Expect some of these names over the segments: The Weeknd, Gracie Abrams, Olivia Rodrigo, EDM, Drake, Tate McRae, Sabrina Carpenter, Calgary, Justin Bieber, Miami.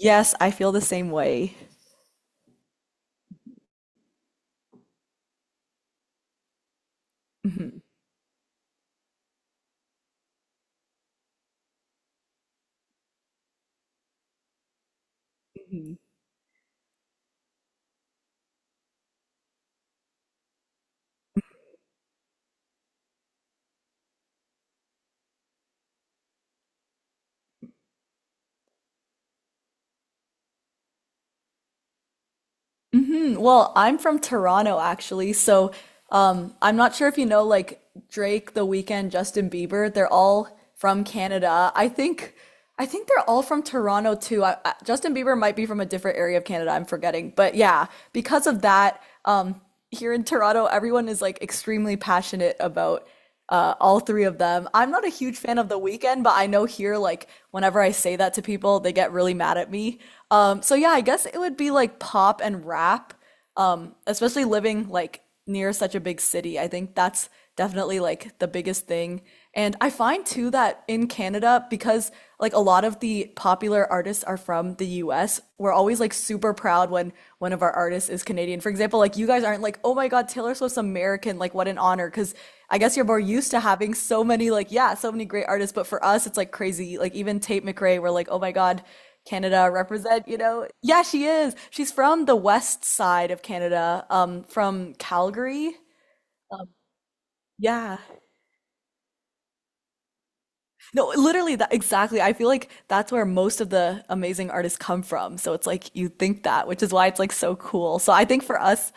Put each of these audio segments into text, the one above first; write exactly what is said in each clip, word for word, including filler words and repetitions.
Yes, I feel the same way. Hmm hmm hmm. Well, I'm from Toronto actually, so um, I'm not sure if you know like Drake, The Weeknd, Justin Bieber. They're all from Canada. I think I think they're all from Toronto too. I, I, Justin Bieber might be from a different area of Canada. I'm forgetting, but yeah, because of that, um, here in Toronto, everyone is like extremely passionate about uh, all three of them. I'm not a huge fan of The Weeknd, but I know here, like, whenever I say that to people, they get really mad at me. Um, so yeah, I guess it would be like pop and rap, um, especially living like near such a big city. I think that's definitely like the biggest thing. And I find too that in Canada, because like a lot of the popular artists are from the U S, we're always like super proud when one of our artists is Canadian. For example, like you guys aren't like, oh my God, Taylor Swift's American. Like, what an honor. Because I guess you're more used to having so many, like, yeah, so many great artists. But for us, it's like crazy. Like, even Tate McRae, we're like, oh my God, Canada represent, you know? Yeah, she is. She's from the west side of Canada, um, from Calgary. Yeah. No, literally that exactly. I feel like that's where most of the amazing artists come from. So it's like you think that, which is why it's like so cool. So I think for us,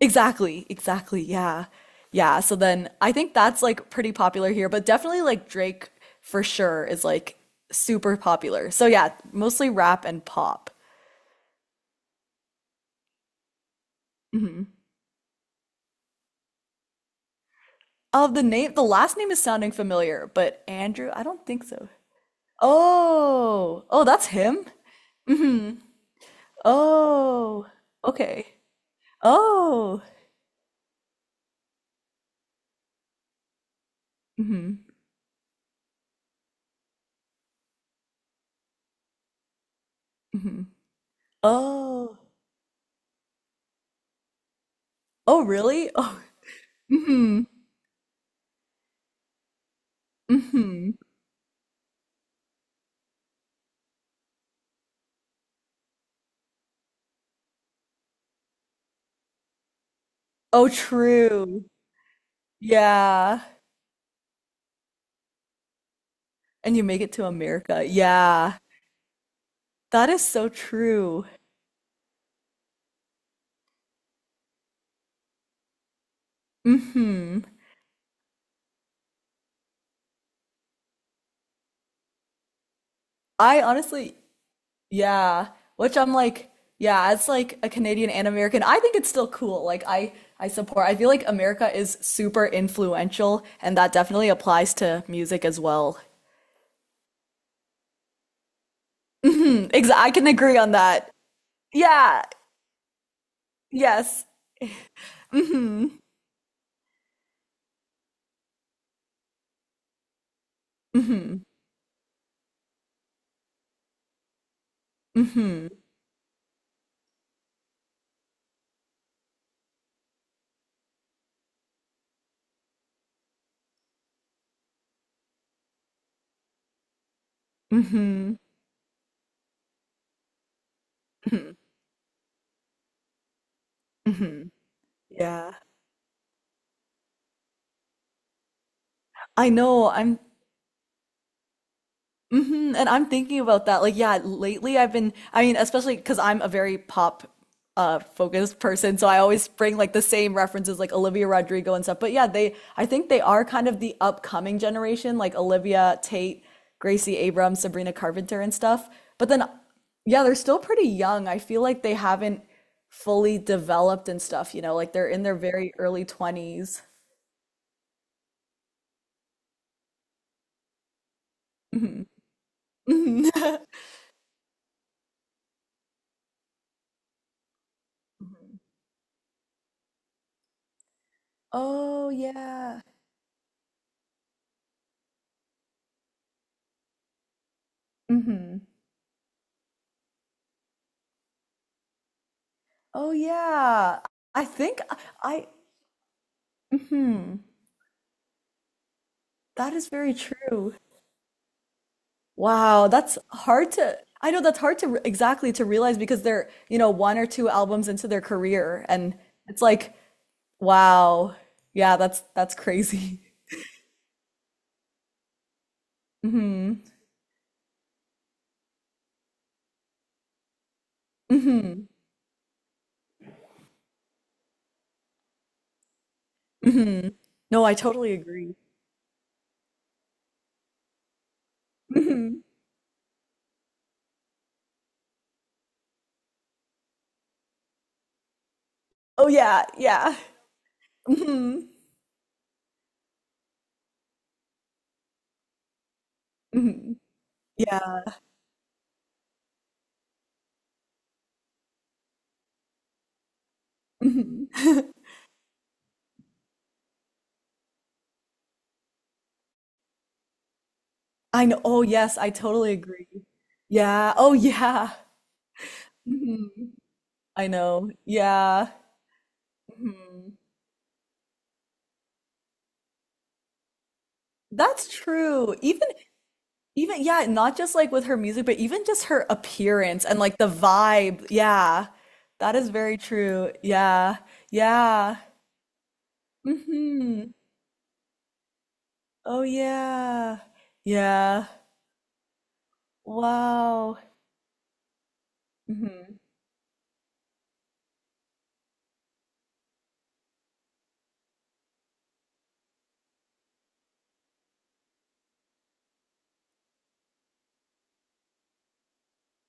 exactly, exactly. Yeah. Yeah. So then I think that's like pretty popular here, but definitely like Drake for sure is like super popular. So yeah, mostly rap and pop. Hmm. Of the name, the last name is sounding familiar, but Andrew, I don't think so. Oh, oh, that's him? Hmm. Oh, okay. Oh, hmm hmm. Oh, oh, really? Oh, hmm hmm. Oh, true. Yeah. And you make it to America. Yeah, that is so true. Hmm. I honestly, yeah, which I'm like, yeah, as like a Canadian and American, I think it's still cool. Like I I support. I feel like America is super influential, and that definitely applies to music as well. Hmm. Exa, I can agree on that. Yeah. Yes. Hmm hmm hmm hmm hmm hmm. Yeah. I know. I'm hmm and I'm thinking about that. Like, yeah, lately I've been, I mean, especially because I'm a very pop uh focused person, so I always bring like the same references like Olivia Rodrigo and stuff. But yeah, they I think they are kind of the upcoming generation, like Olivia Tate, Gracie Abrams, Sabrina Carpenter and stuff. But then yeah, they're still pretty young. I feel like they haven't fully developed and stuff, you know, like they're in their very early twenties. Mhm. Oh yeah. Hmm. Oh yeah. I think I, I mhm. That is very true. Wow, that's hard to, I know that's hard to re- exactly to realize because they're, you know, one or two albums into their career and it's like, wow. Yeah, that's that's crazy. Mhm. Mhm. Mhm. No, I totally agree. Mhm. Oh yeah, yeah. Mhm. Mhm. Yeah. Mhm. I know. Oh yes, I totally agree. Yeah. Oh yeah. Mhm. I know. Yeah. Mhm. That's true. Even even yeah, not just like with her music, but even just her appearance and like the vibe. Yeah. That is very true. Yeah. Yeah. Hmm. Oh yeah. Yeah. Wow. Hmm.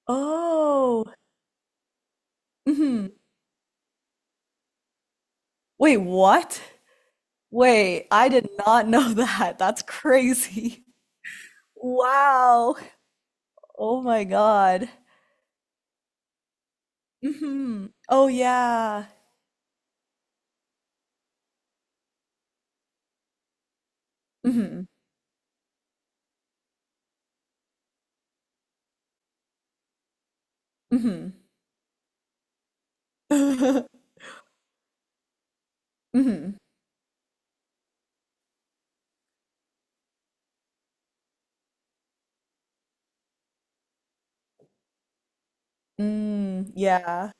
Oh. Hmm. Wait, what? Wait, I did not know that. That's crazy. Wow. Oh my God. Hmm. Oh yeah. Hmm hmm. Hmm. Mm, yeah.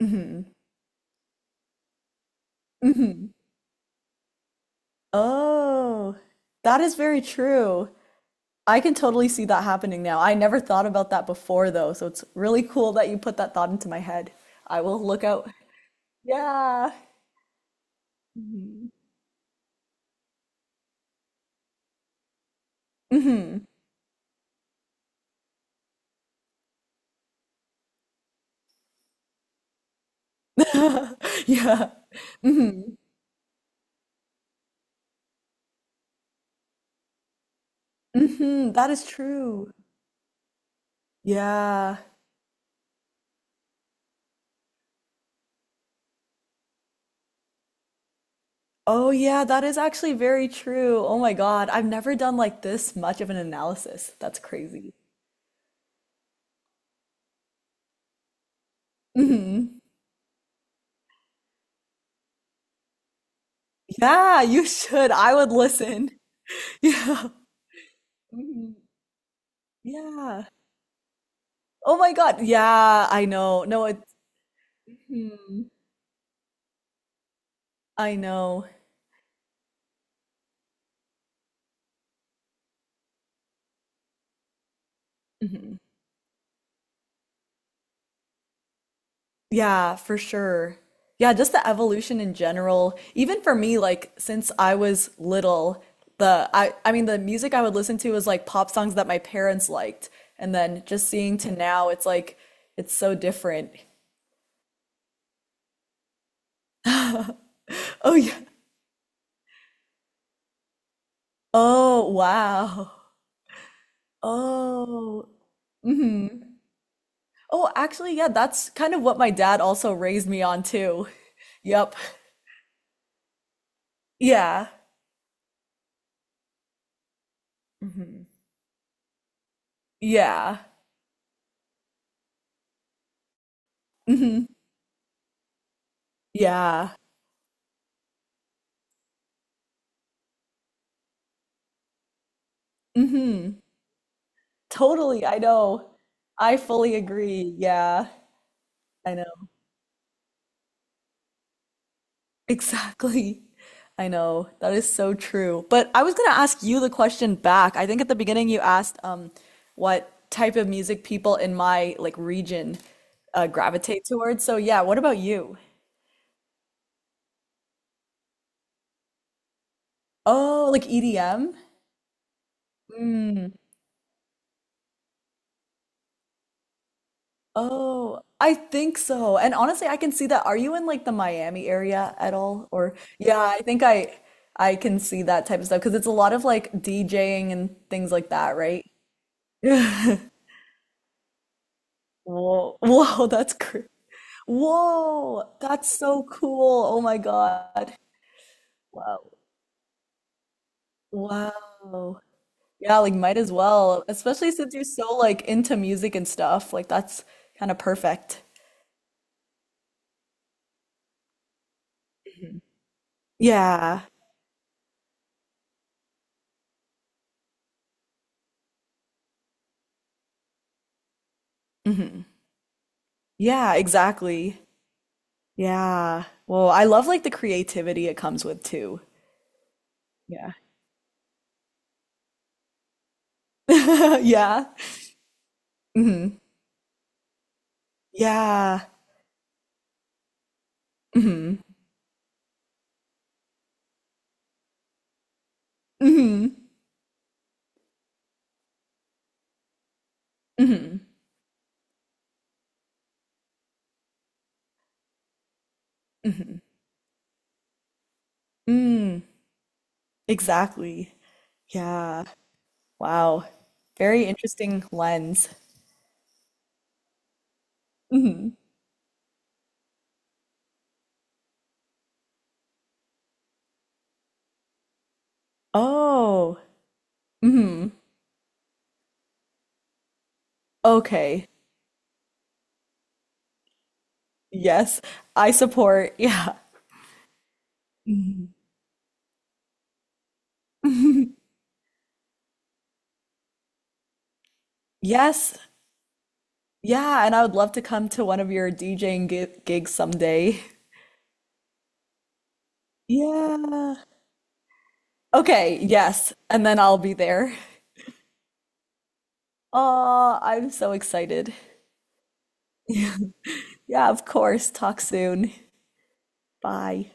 Hmm hmm. Oh, that is very true. I can totally see that happening now. I never thought about that before though, so it's really cool that you put that thought into my head. I will look out. Yeah. Hmm hmm. Yeah. Hmm hmm. That is true. Yeah. Oh, yeah, that is actually very true. Oh my God. I've never done like this much of an analysis. That's crazy. Hmm. Yeah, you should. I would listen. Yeah. Mhm. Yeah. Oh my God. Yeah, I know. No, it's. Mhm. I know. Mhm. Yeah, for sure. Yeah, just the evolution in general. Even for me, like since I was little, the I I mean the music I would listen to was like pop songs that my parents liked. And then just seeing to now, it's like it's so different. Oh yeah. Oh wow. Oh. Hmm. Oh, actually, yeah, that's kind of what my dad also raised me on too. Yep. Yeah. Hmm. Yeah. Hmm. Yeah. Hmm. Totally, I know. I fully agree. Yeah, I know. Exactly. I know. That is so true. But I was going to ask you the question back. I think at the beginning you asked um what type of music people in my like region uh gravitate towards. So yeah, what about you? Oh, like E D M? Oh, I think so. And honestly, I can see that. Are you in like the Miami area at all? Or yeah, I think I I can see that type of stuff because it's a lot of like DJing and things like that, right? Whoa. Whoa, that's cr Whoa, that's so cool. Oh my God. Wow. Wow. Yeah, like might as well, especially since you're so like into music and stuff. Like that's kind of perfect. Mhm. Yeah. Hmm. Yeah, exactly. Yeah. Well, I love like the creativity it comes with too. Yeah. Yeah. Hmm. Yeah. Hmm hmm hmm hmm. Mm. Exactly. Yeah. Wow. Very interesting lens. Hmm. Oh. Hmm. Okay. Yes. I support. Yeah. Yes. Yeah. And I would love to come to one of your DJing gi gigs someday. Yeah. Okay. Yes. And then I'll be there. Oh, I'm so excited. Yeah, of course. Talk soon. Bye.